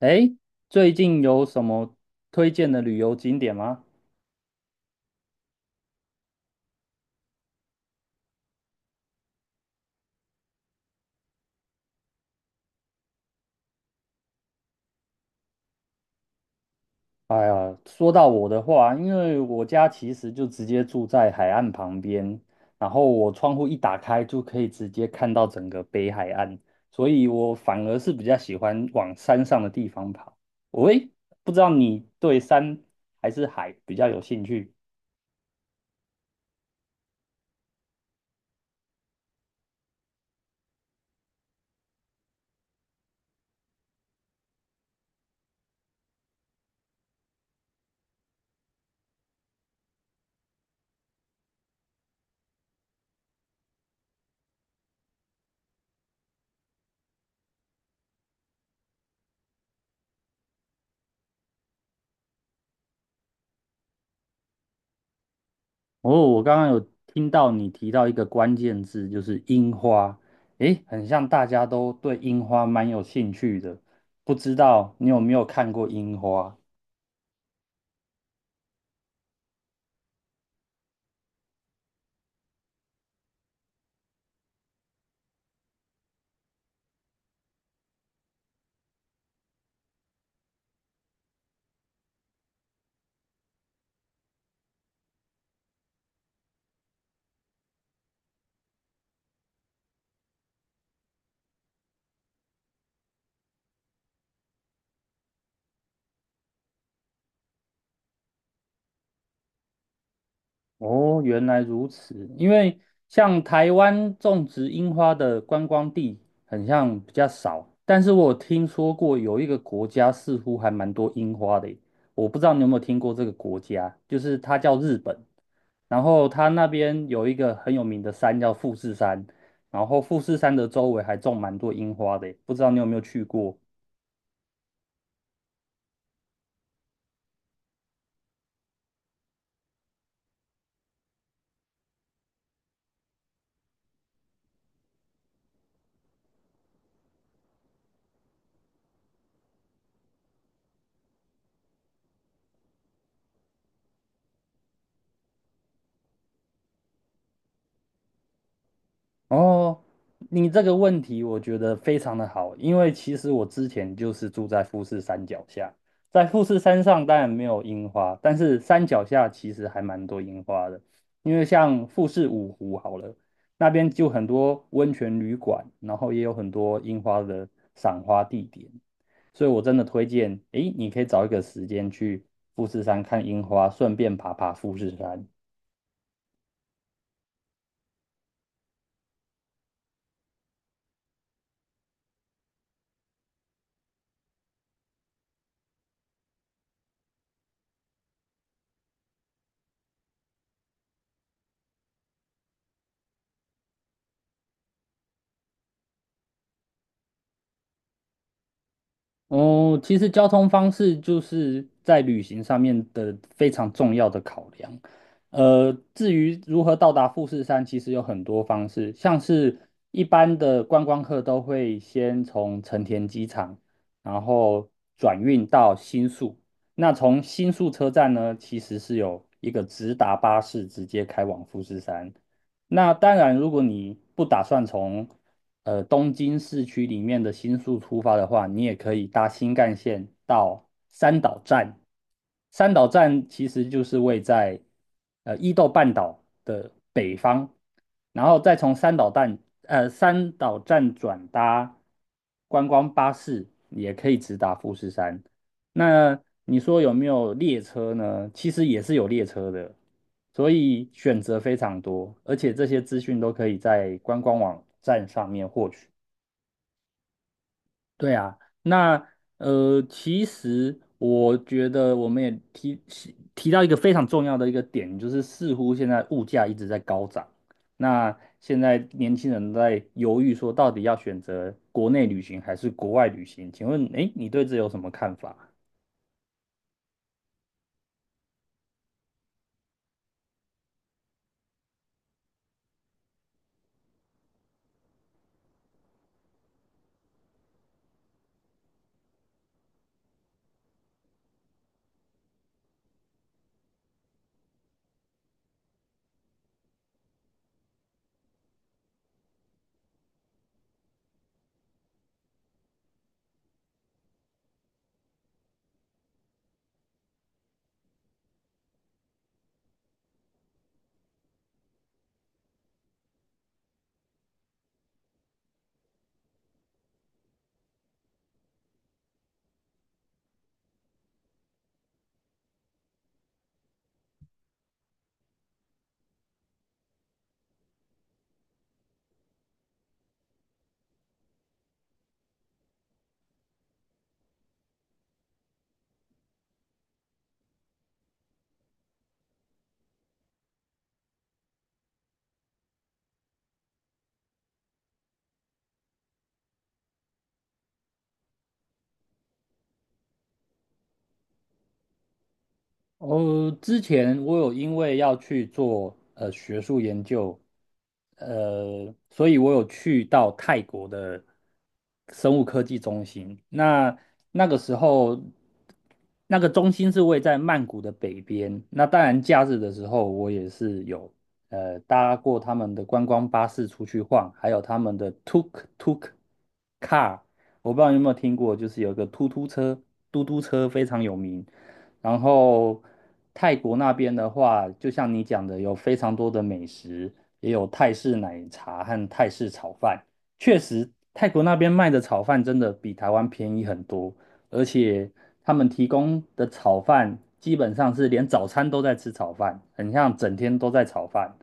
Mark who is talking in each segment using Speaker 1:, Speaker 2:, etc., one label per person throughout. Speaker 1: 哎，最近有什么推荐的旅游景点吗？哎呀，说到我的话，因为我家其实就直接住在海岸旁边，然后我窗户一打开就可以直接看到整个北海岸，所以我反而是比较喜欢往山上的地方跑。喂，不知道你对山还是海比较有兴趣？哦，我刚刚有听到你提到一个关键字，就是樱花。诶，很像大家都对樱花蛮有兴趣的，不知道你有没有看过樱花？哦，原来如此。因为像台湾种植樱花的观光地，很像比较少。但是我有听说过有一个国家似乎还蛮多樱花的耶，我不知道你有没有听过这个国家，就是它叫日本。然后它那边有一个很有名的山叫富士山，然后富士山的周围还种蛮多樱花的耶，不知道你有没有去过？哦，你这个问题我觉得非常的好，因为其实我之前就是住在富士山脚下，在富士山上当然没有樱花，但是山脚下其实还蛮多樱花的，因为像富士五湖好了，那边就很多温泉旅馆，然后也有很多樱花的赏花地点，所以我真的推荐，诶，你可以找一个时间去富士山看樱花，顺便爬爬富士山。哦，其实交通方式就是在旅行上面的非常重要的考量。至于如何到达富士山，其实有很多方式，像是一般的观光客都会先从成田机场，然后转运到新宿。那从新宿车站呢，其实是有一个直达巴士直接开往富士山。那当然，如果你不打算从东京市区里面的新宿出发的话，你也可以搭新干线到三岛站。三岛站其实就是位在伊豆半岛的北方，然后再从三岛站转搭观光巴士，也可以直达富士山。那你说有没有列车呢？其实也是有列车的，所以选择非常多，而且这些资讯都可以在观光网站上面获取。对啊，那其实我觉得我们也提到一个非常重要的一个点，就是似乎现在物价一直在高涨，那现在年轻人在犹豫说到底要选择国内旅行还是国外旅行？请问，诶，你对这有什么看法？哦，之前我有因为要去做学术研究，呃，所以我有去到泰国的生物科技中心。那那个时候，那个中心是位在曼谷的北边。那当然，假日的时候我也是有搭过他们的观光巴士出去晃，还有他们的 tuk tuk car，我不知道你有没有听过，就是有一个突突车、嘟嘟车非常有名。然后泰国那边的话，就像你讲的，有非常多的美食，也有泰式奶茶和泰式炒饭。确实，泰国那边卖的炒饭真的比台湾便宜很多，而且他们提供的炒饭基本上是连早餐都在吃炒饭，很像整天都在炒饭，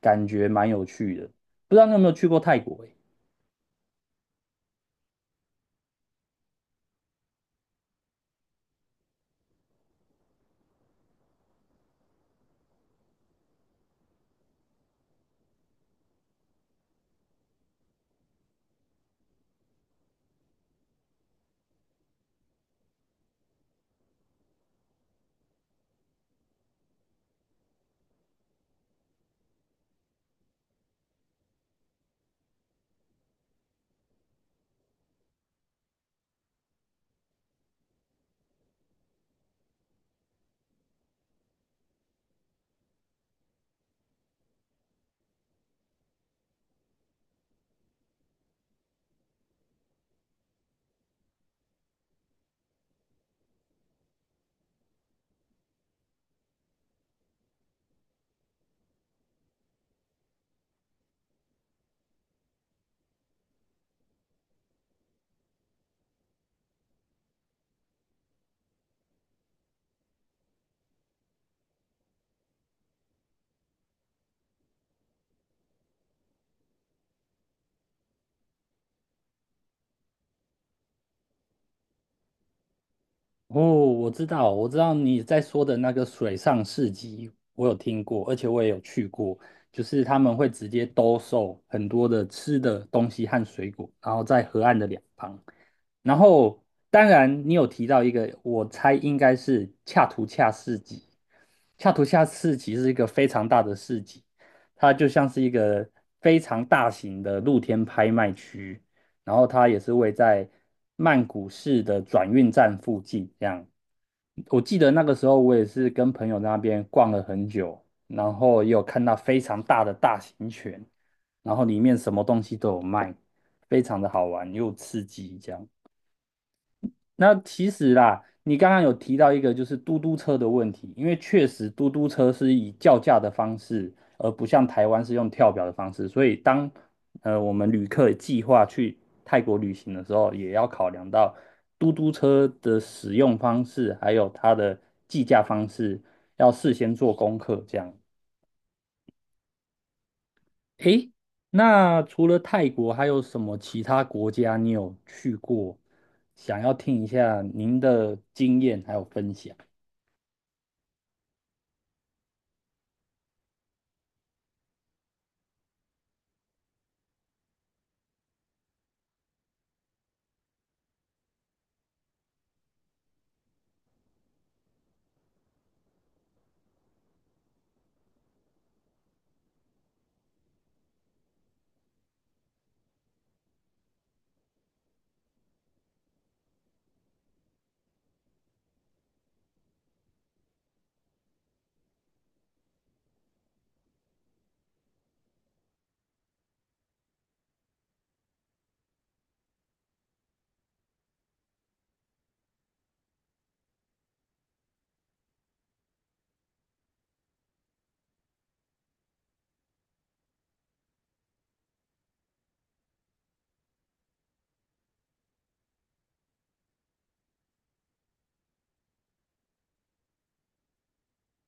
Speaker 1: 感觉蛮有趣的。不知道你有没有去过泰国欸？哦，我知道，我知道你在说的那个水上市集，我有听过，而且我也有去过。就是他们会直接兜售很多的吃的东西和水果，然后在河岸的两旁。然后，当然你有提到一个，我猜应该是恰图恰市集。恰图恰市集是一个非常大的市集，它就像是一个非常大型的露天拍卖区。然后它也是位在曼谷市的转运站附近。这样，我记得那个时候我也是跟朋友在那边逛了很久，然后也有看到非常大的大型犬，然后里面什么东西都有卖，非常的好玩又刺激。这样，那其实啦，你刚刚有提到一个就是嘟嘟车的问题，因为确实嘟嘟车是以叫价的方式，而不像台湾是用跳表的方式，所以当我们旅客计划去泰国旅行的时候，也要考量到嘟嘟车的使用方式，还有它的计价方式，要事先做功课这样。诶，那除了泰国，还有什么其他国家你有去过？想要听一下您的经验还有分享。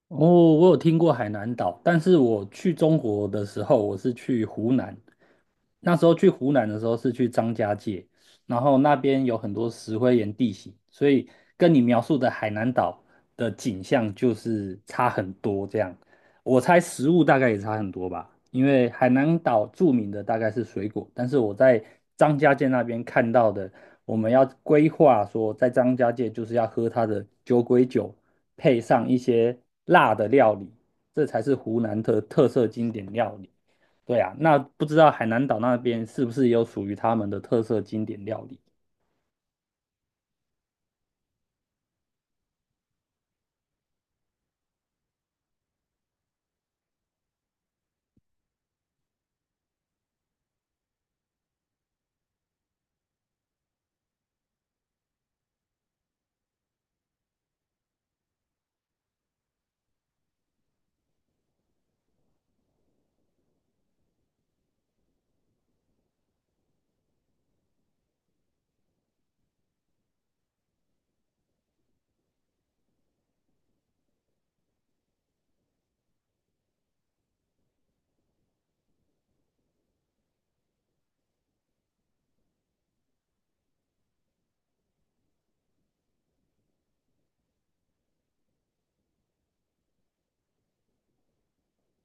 Speaker 1: 哦，我有听过海南岛，但是我去中国的时候，我是去湖南，那时候去湖南的时候是去张家界，然后那边有很多石灰岩地形，所以跟你描述的海南岛的景象就是差很多这样。我猜食物大概也差很多吧，因为海南岛著名的大概是水果，但是我在张家界那边看到的，我们要规划说在张家界就是要喝它的酒鬼酒，配上一些辣的料理，这才是湖南的特色经典料理。对啊，那不知道海南岛那边是不是有属于他们的特色经典料理？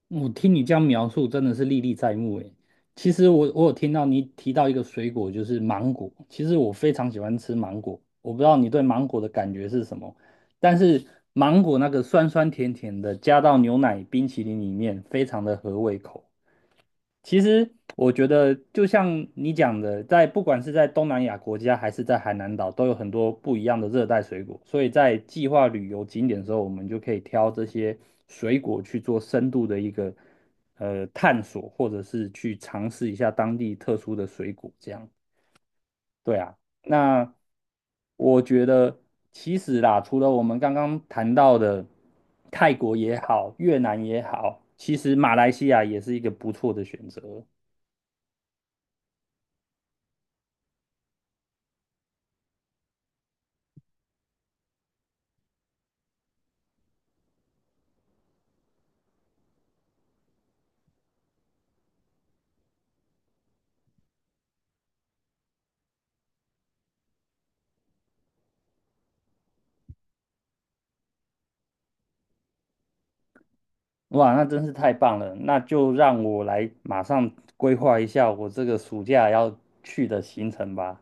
Speaker 1: 我听你这样描述，真的是历历在目诶。其实我有听到你提到一个水果，就是芒果。其实我非常喜欢吃芒果，我不知道你对芒果的感觉是什么，但是芒果那个酸酸甜甜的，加到牛奶冰淇淋里面，非常的合胃口。其实我觉得，就像你讲的，在不管是在东南亚国家还是在海南岛，都有很多不一样的热带水果。所以在计划旅游景点的时候，我们就可以挑这些水果去做深度的一个探索，或者是去尝试一下当地特殊的水果。这样，对啊。那我觉得，其实啦，除了我们刚刚谈到的泰国也好，越南也好，其实马来西亚也是一个不错的选择。哇，那真是太棒了！那就让我来马上规划一下我这个暑假要去的行程吧。